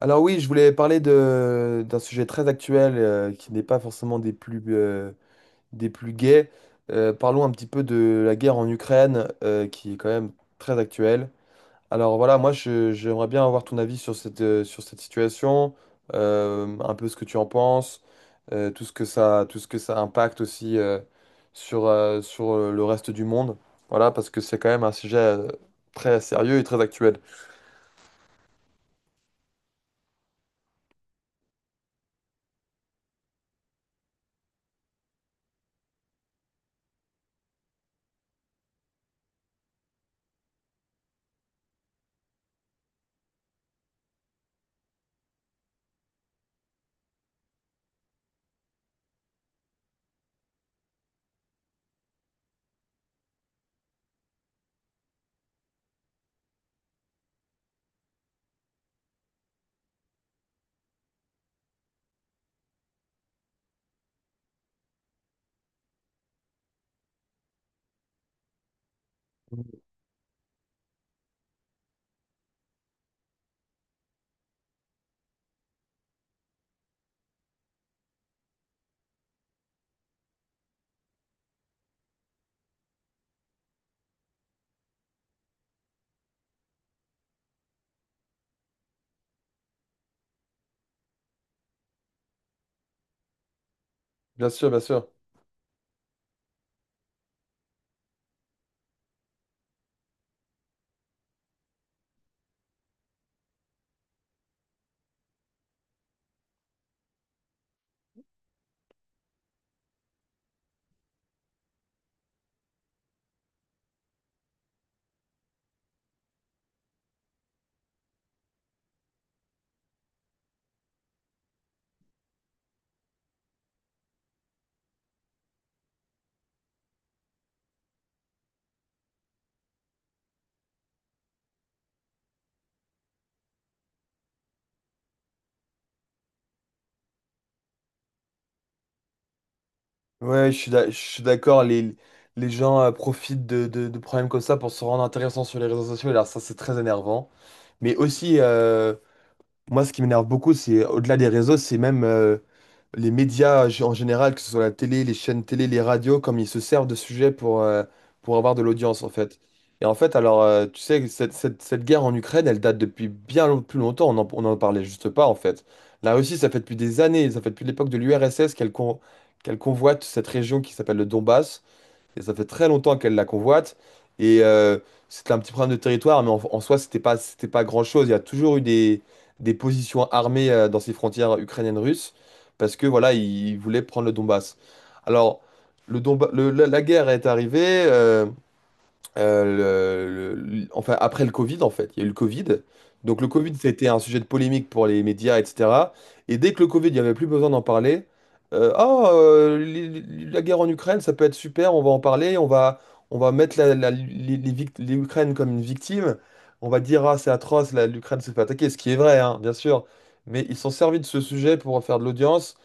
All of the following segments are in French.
Alors oui, je voulais parler d'un sujet très actuel, qui n'est pas forcément des plus, des plus gais. Parlons un petit peu de la guerre en Ukraine, qui est quand même très actuelle. Alors voilà, moi, j'aimerais bien avoir ton avis sur cette, sur cette situation, un peu ce que tu en penses, tout ce que ça impacte aussi, sur le reste du monde. Voilà, parce que c'est quand même un sujet, très sérieux et très actuel. Bien sûr, bien sûr. Ouais, je suis d'accord. Les gens profitent de problèmes comme ça pour se rendre intéressants sur les réseaux sociaux. Alors, ça, c'est très énervant. Mais aussi, moi, ce qui m'énerve beaucoup, c'est au-delà des réseaux, c'est même, les médias en général, que ce soit la télé, les chaînes télé, les radios, comme ils se servent de sujets pour pour avoir de l'audience, en fait. Et en fait, alors, tu sais, cette guerre en Ukraine, elle date depuis plus longtemps, on en parlait juste pas, en fait. La Russie, ça fait depuis des années, ça fait depuis l'époque de l'URSS qu'elle convoite cette région qui s'appelle le Donbass. Et ça fait très longtemps qu'elle la convoite. Et euh, C'était un petit problème de territoire, mais en soi, c'était pas grand-chose. Il y a toujours eu des positions armées dans ces frontières ukrainiennes-russes, parce que voilà, ils voulaient prendre le Donbass. Alors, le Donba- le- la guerre est arrivée. Enfin, après le Covid, en fait. Il y a eu le Covid. Donc le Covid, c'était un sujet de polémique pour les médias, etc. Et dès que le Covid, il n'y avait plus besoin d'en parler, la guerre en Ukraine, ça peut être super, on va en parler, on va mettre les les Ukraines comme une victime. On va dire, ah, c'est atroce, l'Ukraine se fait attaquer, ce qui est vrai, hein, bien sûr. Mais ils sont servis de ce sujet pour en faire de l'audience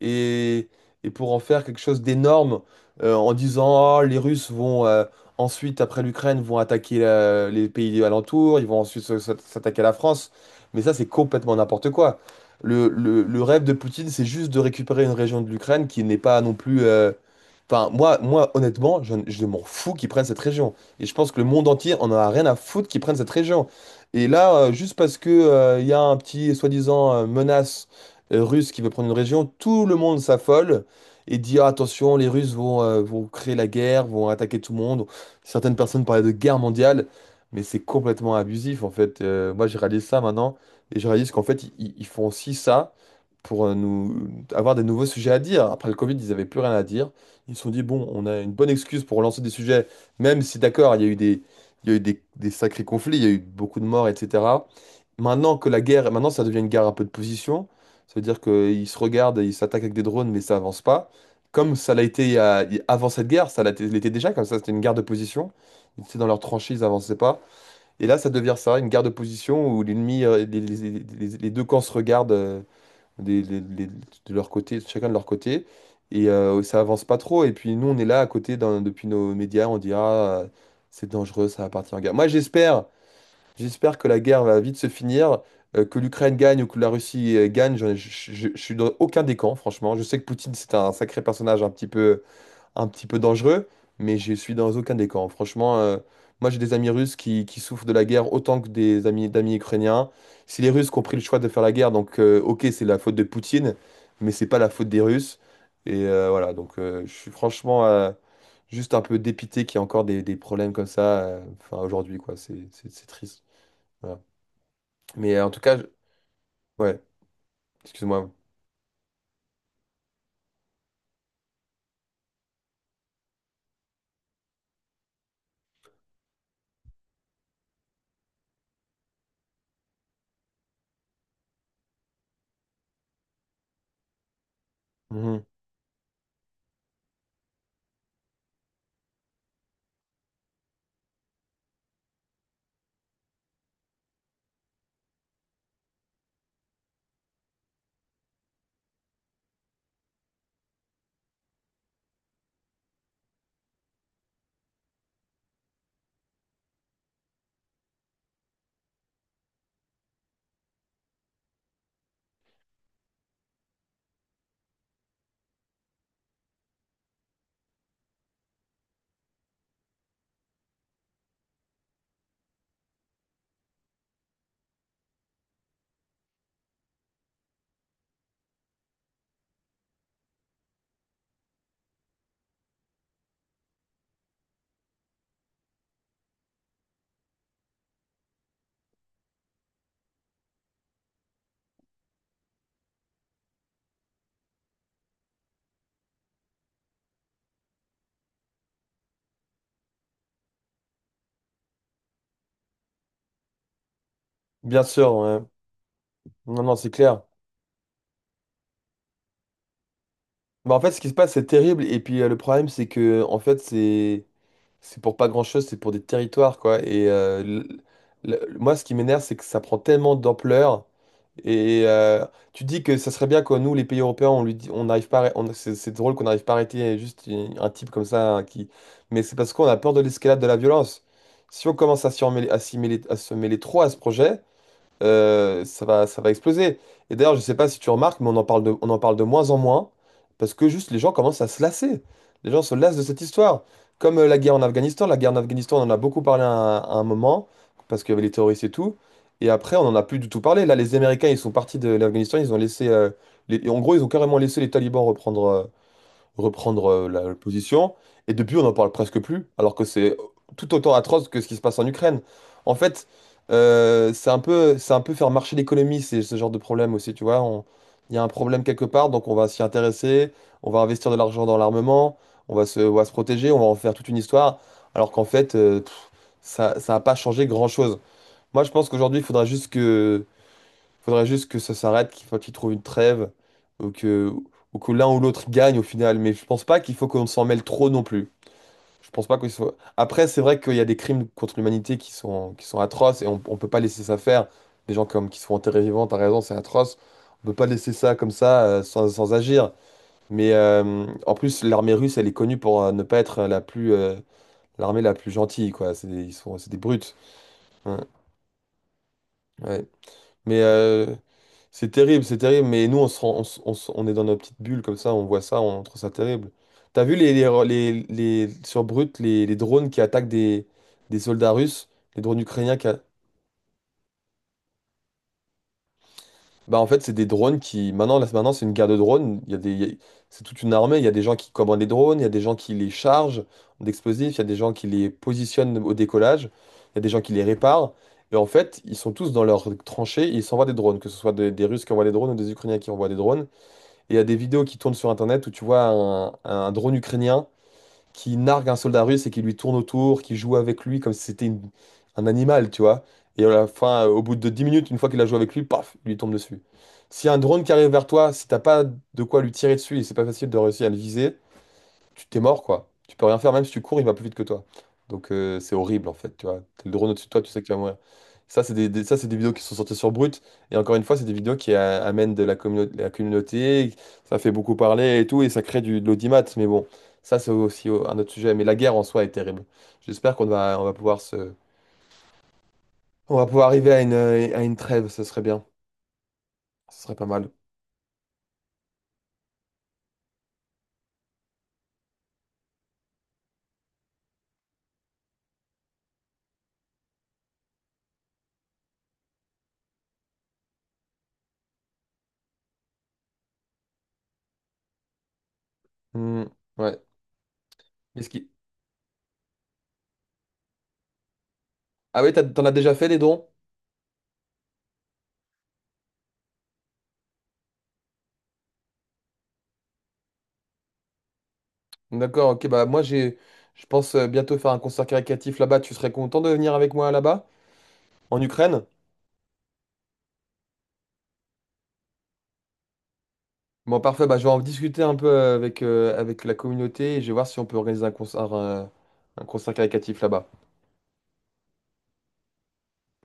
et, et pour en faire quelque chose d'énorme, en disant, ah, les Russes vont... Ensuite, après l'Ukraine, vont attaquer les pays alentours, ils vont ensuite s'attaquer à la France. Mais ça, c'est complètement n'importe quoi. Le rêve de Poutine, c'est juste de récupérer une région de l'Ukraine qui n'est pas non plus... Enfin, moi, honnêtement, je m'en fous qu'ils prennent cette région. Et je pense que le monde entier en a rien à foutre qu'ils prennent cette région. Et là, juste parce que, il y a un petit soi-disant menace russe qui veut prendre une région, tout le monde s'affole et dit, ah, attention, les Russes vont créer la guerre, vont attaquer tout le monde. Certaines personnes parlaient de guerre mondiale, mais c'est complètement abusif en fait. Moi, je réalise ça maintenant et je réalise qu'en fait, ils font aussi ça pour nous avoir des nouveaux sujets à dire. Après le Covid, ils n'avaient plus rien à dire. Ils se sont dit, bon, on a une bonne excuse pour lancer des sujets, même si d'accord, il y a eu il y a eu des sacrés conflits, il y a eu beaucoup de morts, etc. Maintenant ça devient une guerre un peu de position. Ça veut dire qu'ils se regardent et ils s'attaquent avec des drones, mais ça avance pas. Comme ça l'a été il y a- il- avant cette guerre, ça l'a été l'était déjà, comme ça c'était une guerre de position. Ils étaient dans leurs tranchées, ils avançaient pas. Et là, ça devient ça, une guerre de position où les deux camps se regardent, de leur côté, chacun de leur côté. Et ça avance pas trop. Et puis nous, on est là à côté depuis nos médias, on dit ah, c'est dangereux, ça va partir en guerre. Moi, j'espère que la guerre va vite se finir, que l'Ukraine gagne ou que la Russie gagne. J'en ai- je suis dans aucun des camps, franchement. Je sais que Poutine, c'est un sacré personnage un petit peu dangereux, mais je suis dans aucun des camps. Franchement, moi j'ai des amis russes qui souffrent de la guerre autant que des amis d'amis ukrainiens. Si les Russes qui ont pris le choix de faire la guerre, donc ok, c'est la faute de Poutine, mais c'est pas la faute des Russes. Voilà, donc je suis franchement juste un peu dépité qu'il y ait encore des problèmes comme ça, enfin aujourd'hui quoi, c'est triste. Voilà. Mais en tout cas, ouais, excuse-moi. Mhm. Bien sûr, ouais. Non, non, c'est clair. Bah, en fait, ce qui se passe, c'est terrible. Et puis, le problème, c'est que, en fait, c'est. C'est pour pas grand-chose, c'est pour des territoires, quoi. Et moi, ce qui m'énerve, c'est que ça prend tellement d'ampleur. Et tu dis que ça serait bien que nous, les pays européens, on lui dit, on n'arrive pas c'est drôle qu'on n'arrive pas à arrêter juste un type comme ça hein, qui. Mais c'est parce qu'on a peur de l'escalade de la violence. Si on commence à à s'y mêler, à se mêler trop à ce projet, ça va exploser. Et d'ailleurs, je sais pas si tu remarques, mais on en parle de moins en moins parce que juste les gens commencent à se lasser. Les gens se lassent de cette histoire. Comme la guerre en Afghanistan. La guerre en Afghanistan, on en a beaucoup parlé un à un moment parce qu'il y avait les terroristes et tout. Et après, on n'en a plus du tout parlé. Là, les Américains, ils sont partis de l'Afghanistan. Ils ont laissé, en gros, ils ont carrément laissé les talibans reprendre. Reprendre position. Et depuis, on n'en parle presque plus, alors que c'est tout autant atroce que ce qui se passe en Ukraine. En fait, c'est un peu faire marcher l'économie, c'est ce genre de problème aussi, tu vois. Il y a un problème quelque part, donc on va s'y intéresser, on va investir de l'argent dans l'armement, on va se protéger, on va en faire toute une histoire, alors qu'en fait, ça, ça n'a pas changé grand-chose. Moi, je pense qu'aujourd'hui, il faudra juste que faudrait juste que ça s'arrête, qu'il faut qu'il trouve une trêve, ou que, ou que l'un ou l'autre gagne au final. Mais je pense pas qu'il faut qu'on s'en mêle trop non plus. Je pense pas qu'il faut... Après, c'est vrai qu'il y a des crimes contre l'humanité qui sont atroces et on peut pas laisser ça faire. Des gens comme qui sont enterrés vivants, t'as raison, c'est atroce. On peut pas laisser ça comme ça sans agir. Mais en plus, l'armée russe, elle est connue pour ne pas être la plus, l'armée la plus gentille, quoi. C'est des brutes. Ouais. Ouais. Mais c'est terrible, c'est terrible, mais nous, on se rend- on, se- on se- on est dans nos petites bulles comme ça, on voit ça, on trouve ça terrible. T'as vu sur Brut, les drones qui attaquent des soldats russes, les drones ukrainiens qui... Bah, en fait, c'est des drones qui... Maintenant, là, maintenant c'est une guerre de drones, il y a des, il y a- c'est toute une armée, il y a des gens qui commandent les drones, il y a des gens qui les chargent d'explosifs, il y a des gens qui les positionnent au décollage, il y a des gens qui les réparent. Et en fait, ils sont tous dans leurs tranchées, et ils s'envoient des drones, que ce soit des Russes qui envoient des drones ou des Ukrainiens qui envoient des drones. Et il y a des vidéos qui tournent sur Internet où tu vois un drone ukrainien qui nargue un soldat russe et qui lui tourne autour, qui joue avec lui comme si c'était un animal, tu vois. Et à la fin, au bout de 10 minutes, une fois qu'il a joué avec lui, paf, il lui tombe dessus. Si un drone qui arrive vers toi, si t'as pas de quoi lui tirer dessus et c'est pas facile de réussir à le viser, tu t'es mort, quoi. Tu peux rien faire, même si tu cours, il va plus vite que toi. Donc c'est horrible, en fait, tu vois. T'as le drone au-dessus de toi, tu sais qu'il va mourir. Ça, c'est ça, c'est des vidéos qui sont sorties sur Brut. Et encore une fois, c'est des vidéos qui amènent de la, communauté la communauté. Ça fait beaucoup parler et tout, et ça crée de l'audimat. Mais bon, ça, c'est aussi un autre sujet. Mais la guerre en soi est terrible. On va pouvoir se... On va pouvoir arriver à à une trêve, ce serait bien. Ce serait pas mal. Hmm, ouais. Est-ce qui... Ah oui, t'en as déjà fait les dons? D'accord, ok, bah moi je pense bientôt faire un concert caritatif là-bas. Tu serais content de venir avec moi là-bas, en Ukraine? Bon, parfait, bah je vais en discuter un peu avec la communauté et je vais voir si on peut organiser un concert, un concert caritatif là-bas.